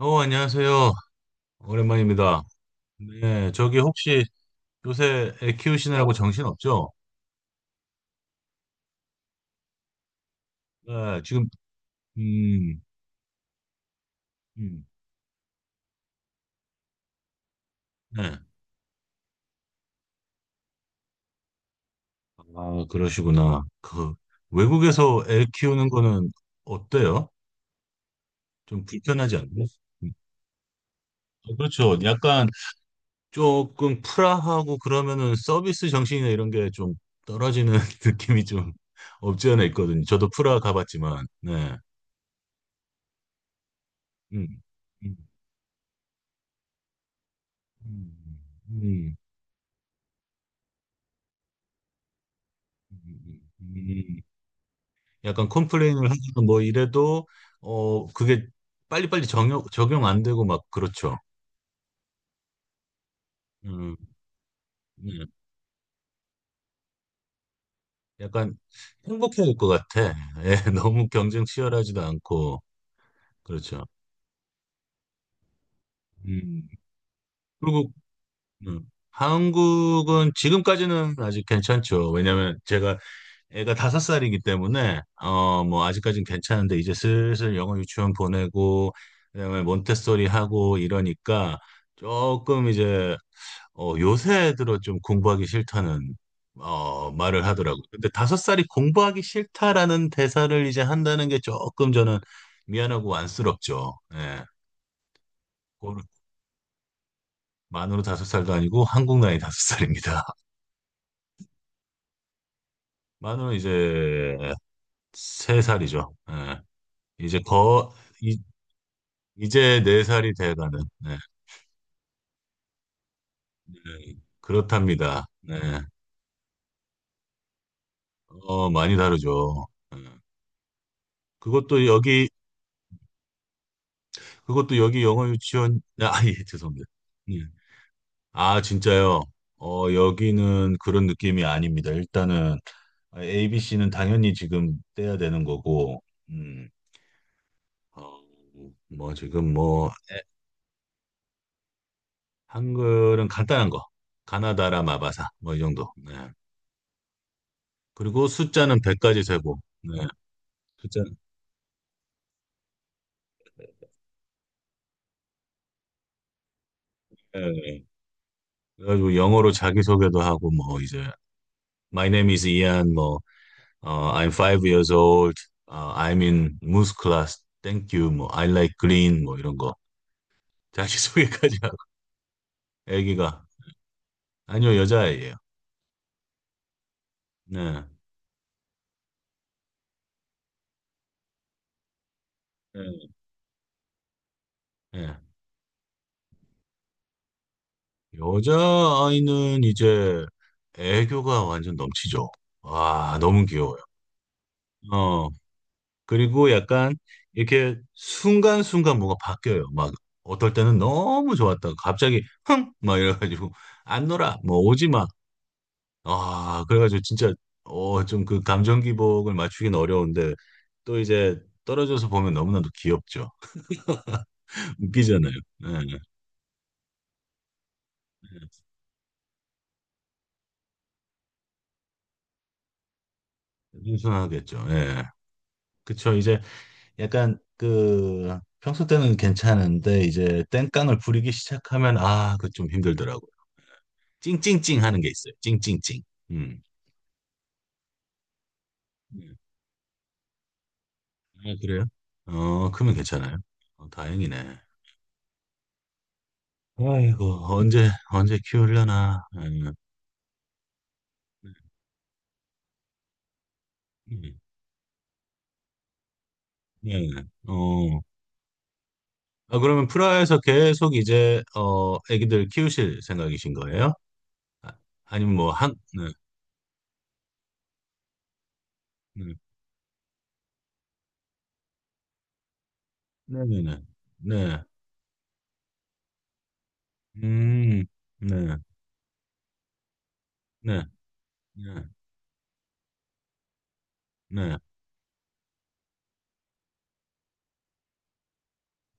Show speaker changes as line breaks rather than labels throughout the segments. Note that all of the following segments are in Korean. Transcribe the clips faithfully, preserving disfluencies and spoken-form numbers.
어, 안녕하세요. 오랜만입니다. 네, 저기 혹시 요새 애 키우시느라고 정신 없죠? 네, 지금, 음, 음, 네. 아, 그러시구나. 그, 외국에서 애 키우는 거는 어때요? 좀 불편하지 않나요? 음, 어, 그렇죠. 약간 조금 프라하고 그러면은 서비스 정신이나 이런 게 좀 떨어지는 느낌이 좀 없지 않아 있거든요. 저도 프라 가봤지만, 네. 음, 음, 음, 음. 음. 음, 음. 약간 컴플레인을 하거나 뭐 이래도 어 그게 빨리빨리 적용 적용 안 되고 막 그렇죠. 음, 음. 약간 행복해질 것 같아. 예, 너무 경쟁 치열하지도 않고 그렇죠. 음. 그리고 음, 한국은 지금까지는 아직 괜찮죠. 왜냐면 제가 애가 다섯 살이기 때문에 어 뭐 아직까진 괜찮은데 이제 슬슬 영어 유치원 보내고 그다음에 몬테소리 하고 이러니까 조금 이제 어, 요새 들어 좀 공부하기 싫다는 어, 말을 하더라고. 근데 다섯 살이 공부하기 싫다라는 대사를 이제 한다는 게 조금 저는 미안하고 안쓰럽죠. 예. 그거는 만으로 다섯 살도 아니고 한국 나이 다섯 살입니다. 만으로 이제 세 살이죠. 예. 이제 거 이, 이제 네 살이 돼가는. 예. 예. 그렇답니다. 네. 어, 많이 다르죠. 예. 그것도 여기 그것도 여기 영어 유치원 아, 예, 죄송합니다. 예. 아, 진짜요? 어, 여기는 그런 느낌이 아닙니다. 일단은 에이비씨는 당연히 지금 떼야 되는 거고, 음, 어, 뭐 지금 뭐 한글은 간단한 거, 가나다라 마바사 뭐 이 정도. 네. 그리고 숫자는 백까지 세고, 네. 숫자, 네 네. 그래가지고 영어로 자기소개도 하고 뭐 이제 My name is Ian, 뭐 어, I'm five years old, 어, I'm in Moose class, thank you, 뭐 I like green, 뭐 이런 거. 자기소개까지 아기가 아니요 여자아이예요. 네, 네. 네. 여자아이는 이제 애교가 완전 넘치죠. 와 너무 귀여워요. 어 그리고 약간 이렇게 순간순간 뭐가 바뀌어요. 막 어떨 때는 너무 좋았다가 갑자기 흥 막 이래가지고 안 놀아 뭐 오지 마. 아 그래가지고 진짜 어 좀 그 감정 기복을 맞추긴 어려운데 또 이제 떨어져서 보면 너무나도 귀엽죠. 웃기잖아요. 네. 네. 순선하겠죠 예. 그쵸. 이제 약간 그 평소 때는 괜찮은데 이제 땡깡을 부리기 시작하면 아, 그 좀 힘들더라고요. 찡찡찡 하는 게 있어요. 찡찡찡. 음. 음. 아, 그래요? 어, 그러면 괜찮아요. 어, 다행이네. 아이고, 언제, 언제 키우려나. 음. 음. 예. 어. 아, 그러면 프라하에서 계속 이제, 어, 애기들 키우실 생각이신 거예요? 아, 아니면 뭐, 한, 네. 음. 네. 네네네. 네. 네. 네. 음, 네, 네, 네, 네.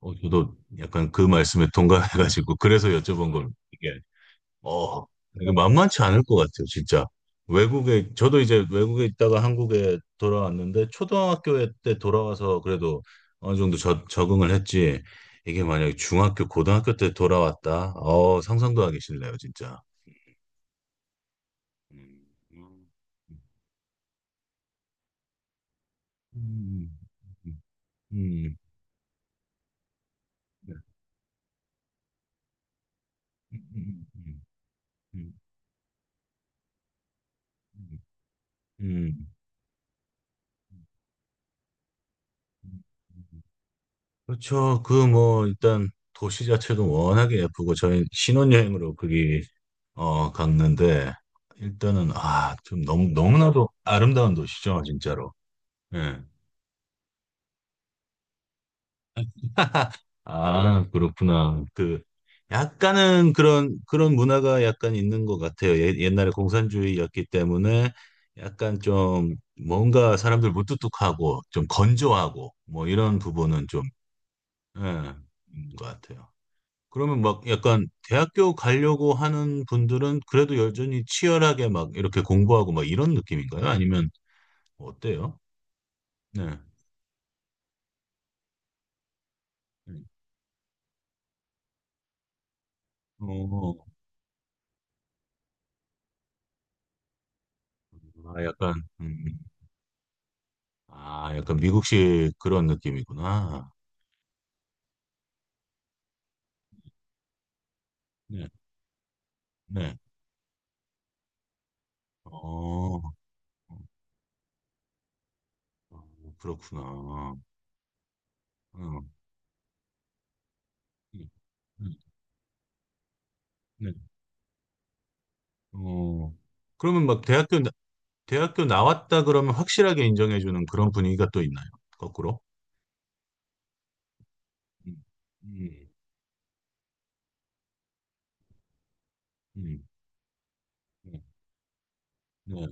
어, 저도 약간 그 말씀에 동감해가지고 그래서 여쭤본 걸 이게 어 이게 만만치 않을 것 같아요, 진짜. 외국에 저도 이제 외국에 있다가 한국에 돌아왔는데 초등학교 때 돌아와서 그래도 어느 정도 저, 적응을 했지. 이게 만약에 중학교, 고등학교 때 돌아왔다. 어, 상상도 하기 싫네요, 진짜. 음, 음, 음, 음, 음, 음, 음, 음, 음, 음. 음. 음. 그렇죠. 그 뭐 일단 도시 자체도 워낙에 예쁘고 저희 신혼여행으로 거기 어 갔는데 일단은 아 좀 너무 너무나도 아름다운 도시죠, 진짜로. 예. 아, 그렇구나. 그 약간은 그런 그런 문화가 약간 있는 것 같아요. 예, 옛날에 공산주의였기 때문에 약간 좀 뭔가 사람들 무뚝뚝하고 좀 건조하고 뭐 이런 부분은 좀 예, 있는 것 같아요. 그러면 막 약간 대학교 가려고 하는 분들은 그래도 여전히 치열하게 막 이렇게 공부하고 막 이런 느낌인가요? 아니면 어때요? 네. 음. 어, 아, 약간, 음, 음. 아, 약간 미국식 그런 느낌이구나. 네, 네. 어, 어, 그렇구나. 음, 음, 음, 네. 어, 그러면 막 대학교, 나- 대학교 나왔다 그러면 확실하게 인정해주는 그런 분위기가 또 있나요? 거꾸로? 음, 음, 음, 네. 네.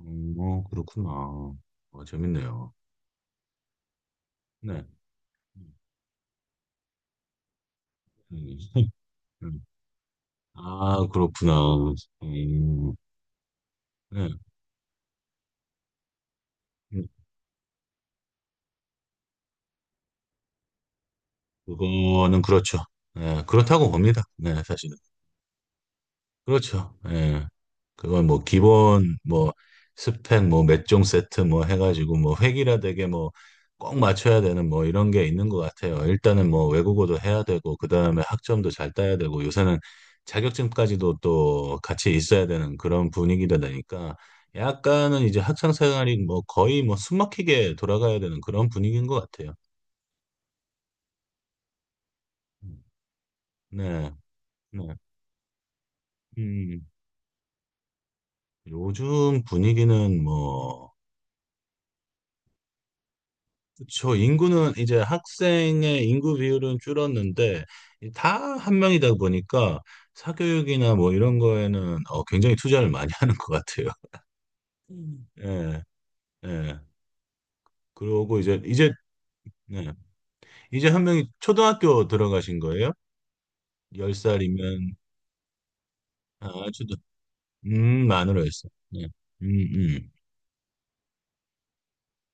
음, 어, 그렇구나. 어, 재밌네요. 네. 음, 음. 아, 그렇구나. 음, 네. 음, 그거는 그렇죠. 네, 그렇다고 봅니다. 네, 사실은. 그렇죠. 예. 그건 뭐 기본 뭐 스펙 뭐 몇 종 세트 뭐 해가지고 뭐 획일화 되게 뭐 꼭 맞춰야 되는 뭐 이런 게 있는 것 같아요. 일단은 뭐 외국어도 해야 되고 그 다음에 학점도 잘 따야 되고 요새는 자격증까지도 또 같이 있어야 되는 그런 분위기다 보니까 약간은 이제 학창 생활이 뭐 거의 뭐 숨막히게 돌아가야 되는 그런 분위기인 것 같아요. 음. 네, 네. 음, 요즘 분위기는 뭐 저 인구는 이제 학생의 인구 비율은 줄었는데 다 한 명이다 보니까 사교육이나 뭐 이런 거에는 어, 굉장히 투자를 많이 하는 것 같아요. 음. 예, 예. 그러고 이제 이제 예. 이제 한 명이 초등학교 들어가신 거예요? 열 살이면 아, 초등 음, 만으로 했어. 예. 음, 음.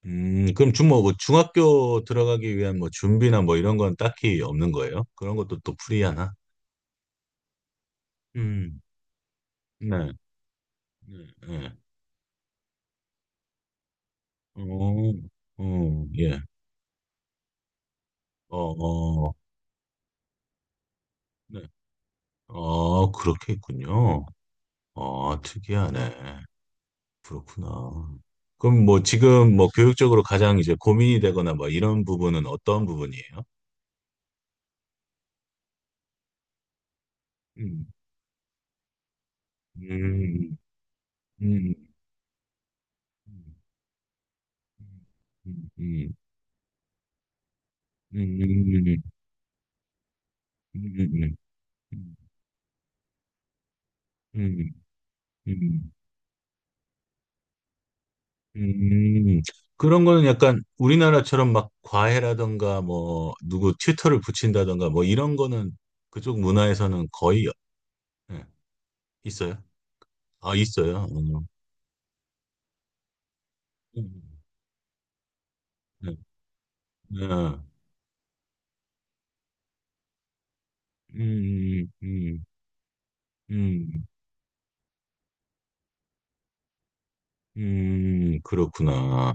음, 그럼 중뭐 뭐뭐 중학교 들어가기 위한 뭐 준비나 뭐 이런 건 딱히 없는 거예요? 그런 것도 또 프리하나? 음, 네. 네, 네. 음, 음, 예. 어, 어, 네. 아, 그렇게 있군요. 아, 특이하네. 그렇구나. 그럼 뭐 지금 뭐 교육적으로 가장 이제 고민이 되거나 뭐 이런 부분은 어떤 부분이에요? 음, 음, 음, 음, 음, 음, 음, 음, 음, 음, 음, 음, 음, 음, 음, 음, 음, 음, 그런 거는 약간 우리나라처럼 막 과외라던가 뭐 누구 튜터를 붙인다던가 뭐 이런 거는 그쪽 문화에서는 거의 없- 예, 있어요? 아, 있어요. 음, 음, 네. 네. 음, 음, 음, 음, 그렇구나.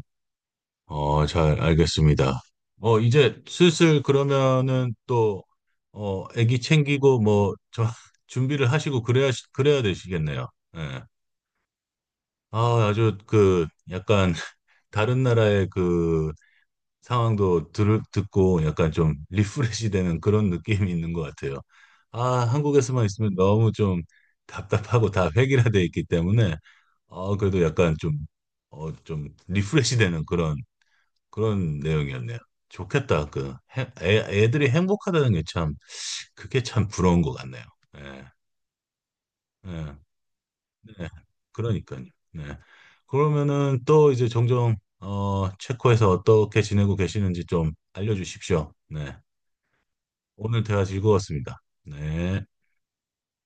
어, 잘 알겠습니다. 어, 이제 슬슬 그러면은 또, 어, 애기 챙기고 뭐, 저, 준비를 하시고 그래야, 그래야 되시겠네요. 예. 아, 아주 그 약간 다른 나라의 그 상황도 들, 듣고 약간 좀 리프레시 되는 그런 느낌이 있는 것 같아요. 아, 한국에서만 있으면 너무 좀 답답하고 다 획일화돼 있기 때문에 어, 그래도 약간 좀, 어, 좀 리프레시 되는 그런 그런 내용이었네요. 좋겠다. 그 해- 애, 애들이 행복하다는 게 참 그게 참 부러운 것 같네요. 예, 예. 네, 그러니까요. 네. 그러면은 또 이제 종종 어, 체코에서 어떻게 지내고 계시는지 좀 알려주십시오. 네. 오늘 대화 즐거웠습니다. 네.